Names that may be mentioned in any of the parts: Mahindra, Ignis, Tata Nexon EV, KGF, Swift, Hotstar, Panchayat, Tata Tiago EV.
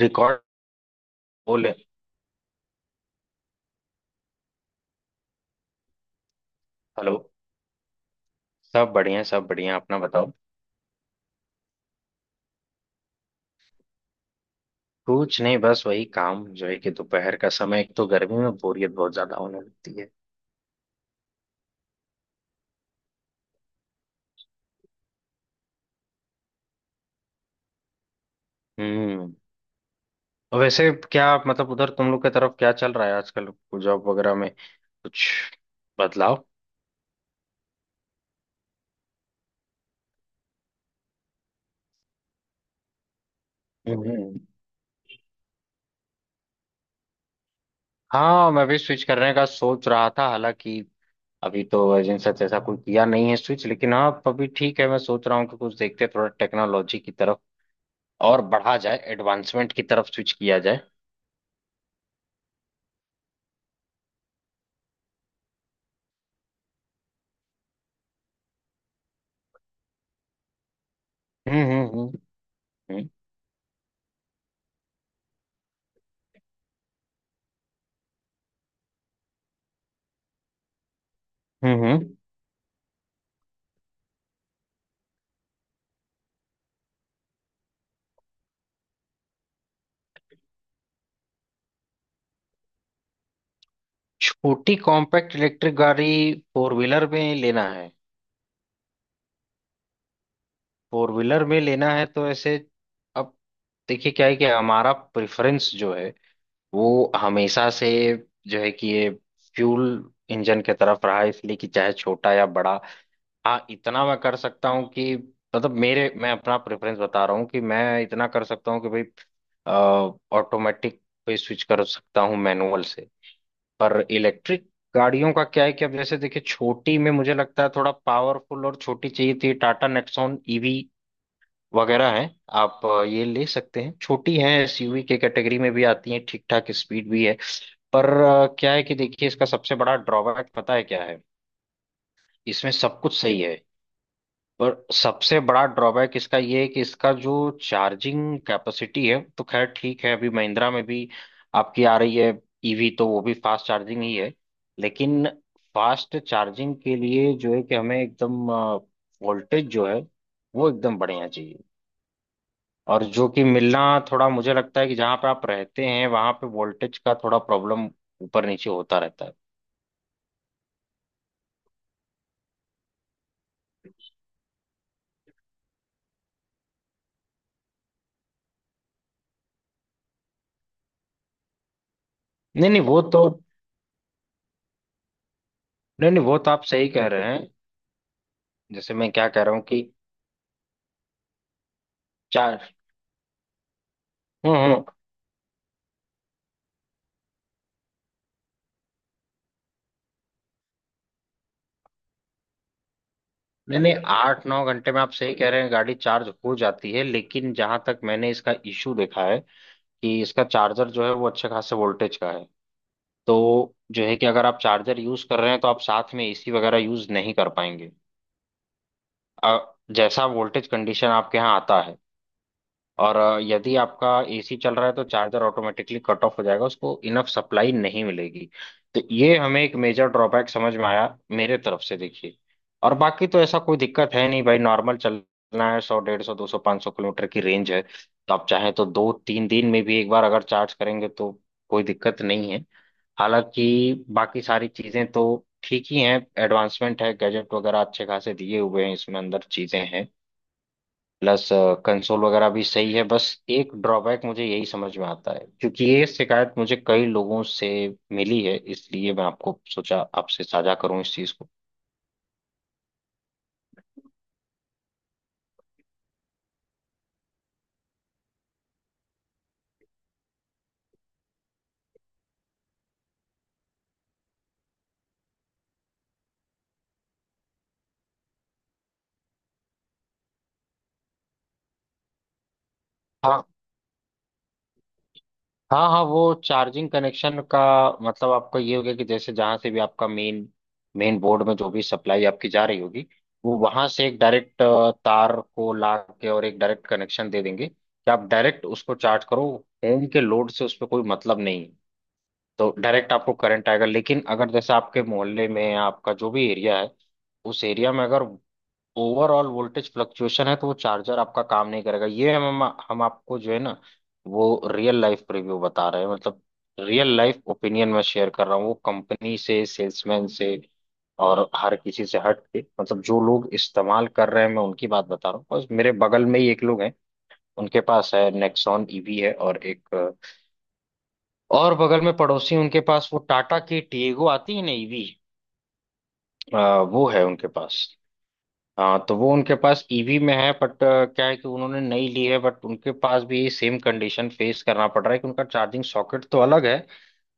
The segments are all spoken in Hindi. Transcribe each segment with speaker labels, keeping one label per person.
Speaker 1: रिकॉर्ड बोले। हेलो। सब बढ़िया सब बढ़िया, अपना बताओ। कुछ नहीं, बस वही काम जो है कि दोपहर का समय, एक तो गर्मी में बोरियत बहुत ज्यादा होने लगती है। हम्म। और वैसे क्या मतलब, उधर तुम लोग की तरफ क्या चल रहा है आजकल? जॉब वगैरह में कुछ बदलाव? हम्म। हाँ, मैं भी स्विच करने का सोच रहा था। हालांकि अभी तो एजेंसी से ऐसा कोई किया नहीं है स्विच, लेकिन हाँ अभी ठीक है। मैं सोच रहा हूँ कि कुछ देखते हैं, थोड़ा टेक्नोलॉजी की तरफ और बढ़ा जाए, एडवांसमेंट की तरफ स्विच किया जाए। हम्म। हम्म। हम्म। हम्म। छोटी कॉम्पैक्ट इलेक्ट्रिक गाड़ी फोर व्हीलर में लेना है? फोर व्हीलर में लेना है, तो ऐसे अब देखिए क्या है कि हमारा प्रेफरेंस जो है वो हमेशा से जो है कि ये फ्यूल इंजन के तरफ रहा है। इसलिए कि चाहे छोटा या बड़ा, हाँ इतना मैं कर सकता हूँ कि मतलब मेरे मैं अपना प्रेफरेंस बता रहा हूँ कि मैं इतना कर सकता हूँ कि भाई ऑटोमेटिक पे स्विच कर सकता हूँ मैनुअल से। पर इलेक्ट्रिक गाड़ियों का क्या है कि अब जैसे देखिए, छोटी में मुझे लगता है थोड़ा पावरफुल और छोटी चाहिए थी। टाटा नेक्सॉन ईवी वगैरह है, आप ये ले सकते हैं, छोटी है, एसयूवी के कैटेगरी में भी आती है, ठीक ठाक स्पीड भी है। पर क्या है कि देखिए, इसका सबसे बड़ा ड्रॉबैक पता है क्या है? इसमें सब कुछ सही है। पर सबसे बड़ा ड्रॉबैक इसका ये है कि इसका जो चार्जिंग कैपेसिटी है, तो खैर ठीक है, अभी महिंद्रा में भी आपकी आ रही है ईवी, तो वो भी फास्ट चार्जिंग ही है। लेकिन फास्ट चार्जिंग के लिए जो है कि हमें एकदम वोल्टेज जो है वो एकदम बढ़िया चाहिए। और जो कि मिलना थोड़ा मुझे लगता है कि जहां पे आप रहते हैं वहां पे वोल्टेज का थोड़ा प्रॉब्लम, ऊपर नीचे होता रहता है। नहीं नहीं वो तो, नहीं नहीं वो तो आप सही कह रहे हैं। जैसे मैं क्या कह रहा हूँ कि चार। हम्म। नहीं नहीं, 8-9 घंटे में आप सही कह रहे हैं, गाड़ी चार्ज हो जाती है। लेकिन जहां तक मैंने इसका इशू देखा है कि इसका चार्जर जो है वो अच्छे खासे वोल्टेज का है। तो जो है कि अगर आप चार्जर यूज कर रहे हैं तो आप साथ में एसी वगैरह यूज नहीं कर पाएंगे। अ, जैसा वोल्टेज कंडीशन आपके यहाँ आता है, और यदि आपका एसी चल रहा है तो चार्जर ऑटोमेटिकली कट ऑफ हो जाएगा, उसको इनफ सप्लाई नहीं मिलेगी। तो ये हमें एक मेजर ड्रॉबैक समझ में आया मेरे तरफ से, देखिए। और बाकी तो ऐसा कोई दिक्कत है नहीं भाई, नॉर्मल चलना है, 100 150 200 500 किलोमीटर की रेंज है। तो आप चाहें तो 2-3 दिन में भी एक बार अगर चार्ज करेंगे तो कोई दिक्कत नहीं है। हालांकि बाकी सारी चीजें तो ठीक ही हैं। एडवांसमेंट है, गैजेट वगैरह अच्छे खासे दिए हुए हैं, इसमें अंदर चीजें हैं, प्लस कंसोल वगैरह भी सही है। बस एक ड्रॉबैक मुझे यही समझ में आता है, क्योंकि ये शिकायत मुझे कई लोगों से मिली है, इसलिए मैं आपको सोचा आपसे साझा करूं इस चीज को। हाँ। हाँ हाँ। वो चार्जिंग कनेक्शन का मतलब आपका ये हो गया कि जैसे जहां से भी आपका मेन मेन बोर्ड में जो भी सप्लाई आपकी जा रही होगी, वो वहां से एक डायरेक्ट तार को ला के और एक डायरेक्ट कनेक्शन दे देंगे कि आप डायरेक्ट उसको चार्ज करो, होम के लोड से उस पर कोई मतलब नहीं। तो डायरेक्ट आपको करंट आएगा। लेकिन अगर जैसे आपके मोहल्ले में या आपका जो भी एरिया है, उस एरिया में अगर ओवरऑल वोल्टेज फ्लक्चुएशन है तो वो चार्जर आपका काम नहीं करेगा। ये हम आपको जो है ना, वो रियल लाइफ रिव्यू बता रहे हैं। मतलब रियल लाइफ ओपिनियन मैं शेयर कर रहा हूँ, वो कंपनी से, सेल्समैन से और हर किसी से हट के, मतलब जो लोग इस्तेमाल कर रहे हैं मैं उनकी बात बता रहा हूँ। बस मेरे बगल में ही एक लोग हैं, उनके पास है, नेक्सॉन ईवी है, और एक और बगल में पड़ोसी, उनके पास वो टाटा की टीगो आती है ना ईवी, वो है उनके पास। हाँ, तो वो उनके पास ईवी में है, बट क्या है कि उन्होंने नई ली है, बट उनके पास भी सेम कंडीशन फेस करना पड़ रहा है कि उनका चार्जिंग सॉकेट तो अलग है,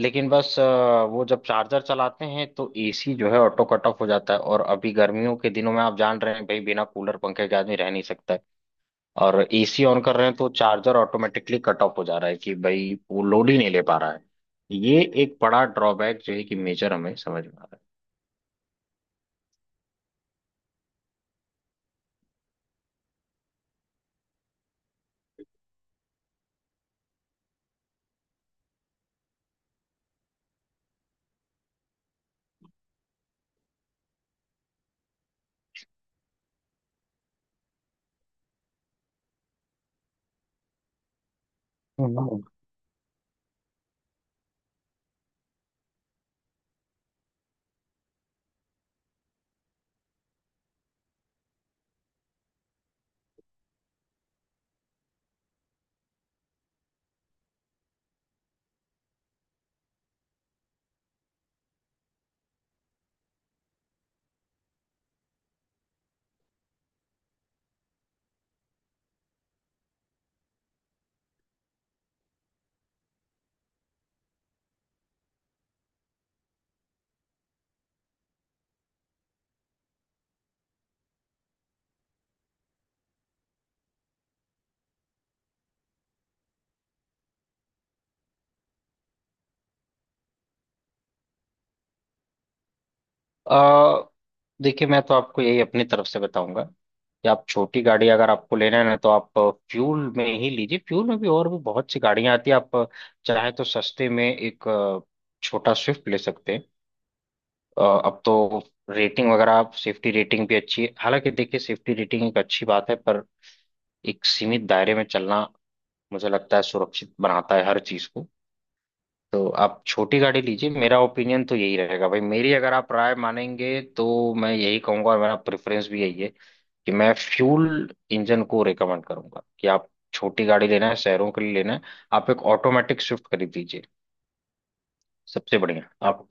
Speaker 1: लेकिन बस वो जब चार्जर चलाते हैं तो एसी जो है ऑटो कट ऑफ हो जाता है। और अभी गर्मियों के दिनों में आप जान रहे हैं भाई, बिना कूलर पंखे के आदमी रह नहीं सकता है। और एसी ऑन कर रहे हैं तो चार्जर ऑटोमेटिकली कट ऑफ हो जा रहा है कि भाई वो लोड ही नहीं ले पा रहा है। ये एक बड़ा ड्रॉबैक जो है कि मेजर हमें समझ में आ रहा है। हम्म। अ, देखिए, मैं तो आपको यही अपनी तरफ से बताऊंगा कि आप छोटी गाड़ी अगर आपको लेना है ना तो आप फ्यूल में ही लीजिए। फ्यूल में भी और भी बहुत सी गाड़ियां आती है, आप चाहे तो सस्ते में एक छोटा स्विफ्ट ले सकते हैं। अब तो रेटिंग वगैरह, आप सेफ्टी रेटिंग भी अच्छी है। हालांकि देखिए सेफ्टी रेटिंग एक अच्छी बात है, पर एक सीमित दायरे में चलना मुझे लगता है सुरक्षित बनाता है हर चीज को। तो आप छोटी गाड़ी लीजिए, मेरा ओपिनियन तो यही रहेगा भाई, मेरी अगर आप राय मानेंगे तो मैं यही कहूंगा। और मेरा प्रेफरेंस भी यही है कि मैं फ्यूल इंजन को रेकमेंड करूंगा कि आप छोटी गाड़ी लेना है शहरों के लिए लेना है, आप एक ऑटोमेटिक स्विफ्ट खरीद लीजिए सबसे बढ़िया आप।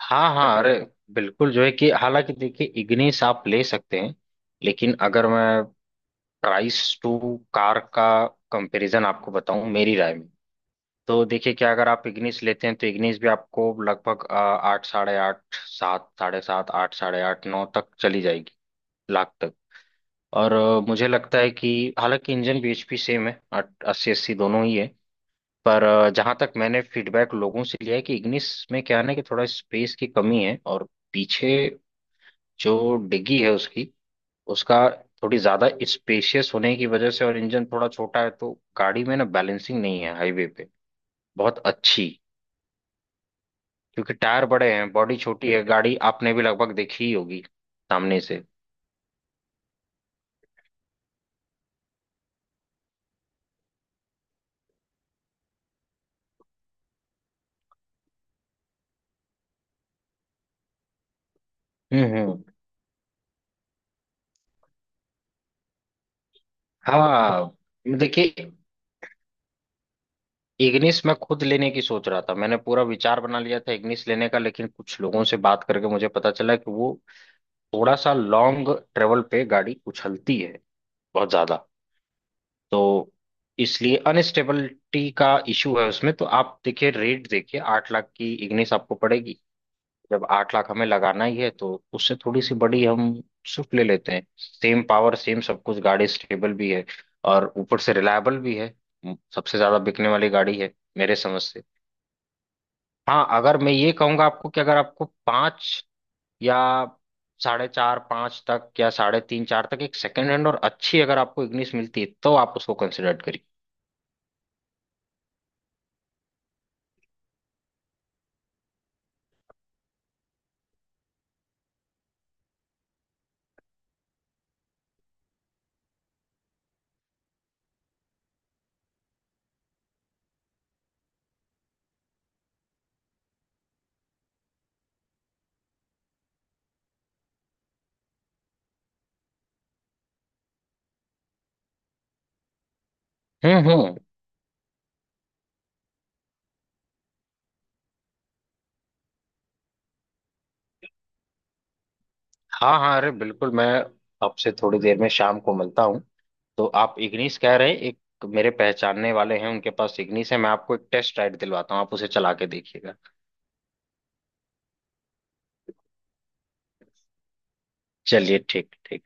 Speaker 1: हाँ हाँ, अरे बिल्कुल जो है कि हालांकि देखिए इग्निस आप ले सकते हैं, लेकिन अगर मैं प्राइस टू कार का कंपैरिजन आपको बताऊं मेरी राय में, तो देखिए क्या अगर आप इग्निस लेते हैं तो इग्निस भी आपको लगभग 8 8.5 7 7.5 8 8.5 9 तक चली जाएगी, लाख तक। और मुझे लगता है कि हालांकि इंजन bhp सेम है, 80 80 दोनों ही है। पर जहां तक मैंने फीडबैक लोगों से लिया है कि इग्निस में क्या है ना कि थोड़ा स्पेस की कमी है। और पीछे जो डिग्गी है, उसकी उसका थोड़ी ज्यादा स्पेशियस होने की वजह से और इंजन थोड़ा छोटा है तो गाड़ी में ना बैलेंसिंग नहीं है हाईवे पे बहुत अच्छी, क्योंकि टायर बड़े हैं, बॉडी छोटी है, गाड़ी आपने भी लगभग देखी ही होगी सामने से। हम्म। हाँ देखिए, इग्निस मैं खुद लेने की सोच रहा था, मैंने पूरा विचार बना लिया था इग्निस लेने का। लेकिन कुछ लोगों से बात करके मुझे पता चला कि वो थोड़ा सा लॉन्ग ट्रेवल पे गाड़ी उछलती है बहुत ज्यादा। तो इसलिए अनस्टेबिलिटी का इशू है उसमें। तो आप देखिए, रेट देखिए, 8 लाख की इग्निस आपको पड़ेगी। जब 8 लाख हमें लगाना ही है तो उससे थोड़ी सी बड़ी हम स्विफ्ट ले लेते हैं, सेम पावर सेम सब कुछ, गाड़ी स्टेबल भी है और ऊपर से रिलायबल भी है। सबसे ज्यादा बिकने वाली गाड़ी है मेरे समझ से। हाँ अगर मैं ये कहूंगा आपको कि अगर आपको 5 या 4.5 5 तक, या 3.5 4 तक एक सेकंड हैंड और अच्छी अगर आपको इग्निस मिलती है तो आप उसको कंसिडर करिए। हम्म। हाँ हाँ, अरे बिल्कुल, मैं आपसे थोड़ी देर में शाम को मिलता हूँ। तो आप इग्निस कह रहे हैं, एक मेरे पहचानने वाले हैं उनके पास इग्निस है, मैं आपको एक टेस्ट राइड दिलवाता हूँ, आप उसे चला के देखिएगा। चलिए ठीक ठीक।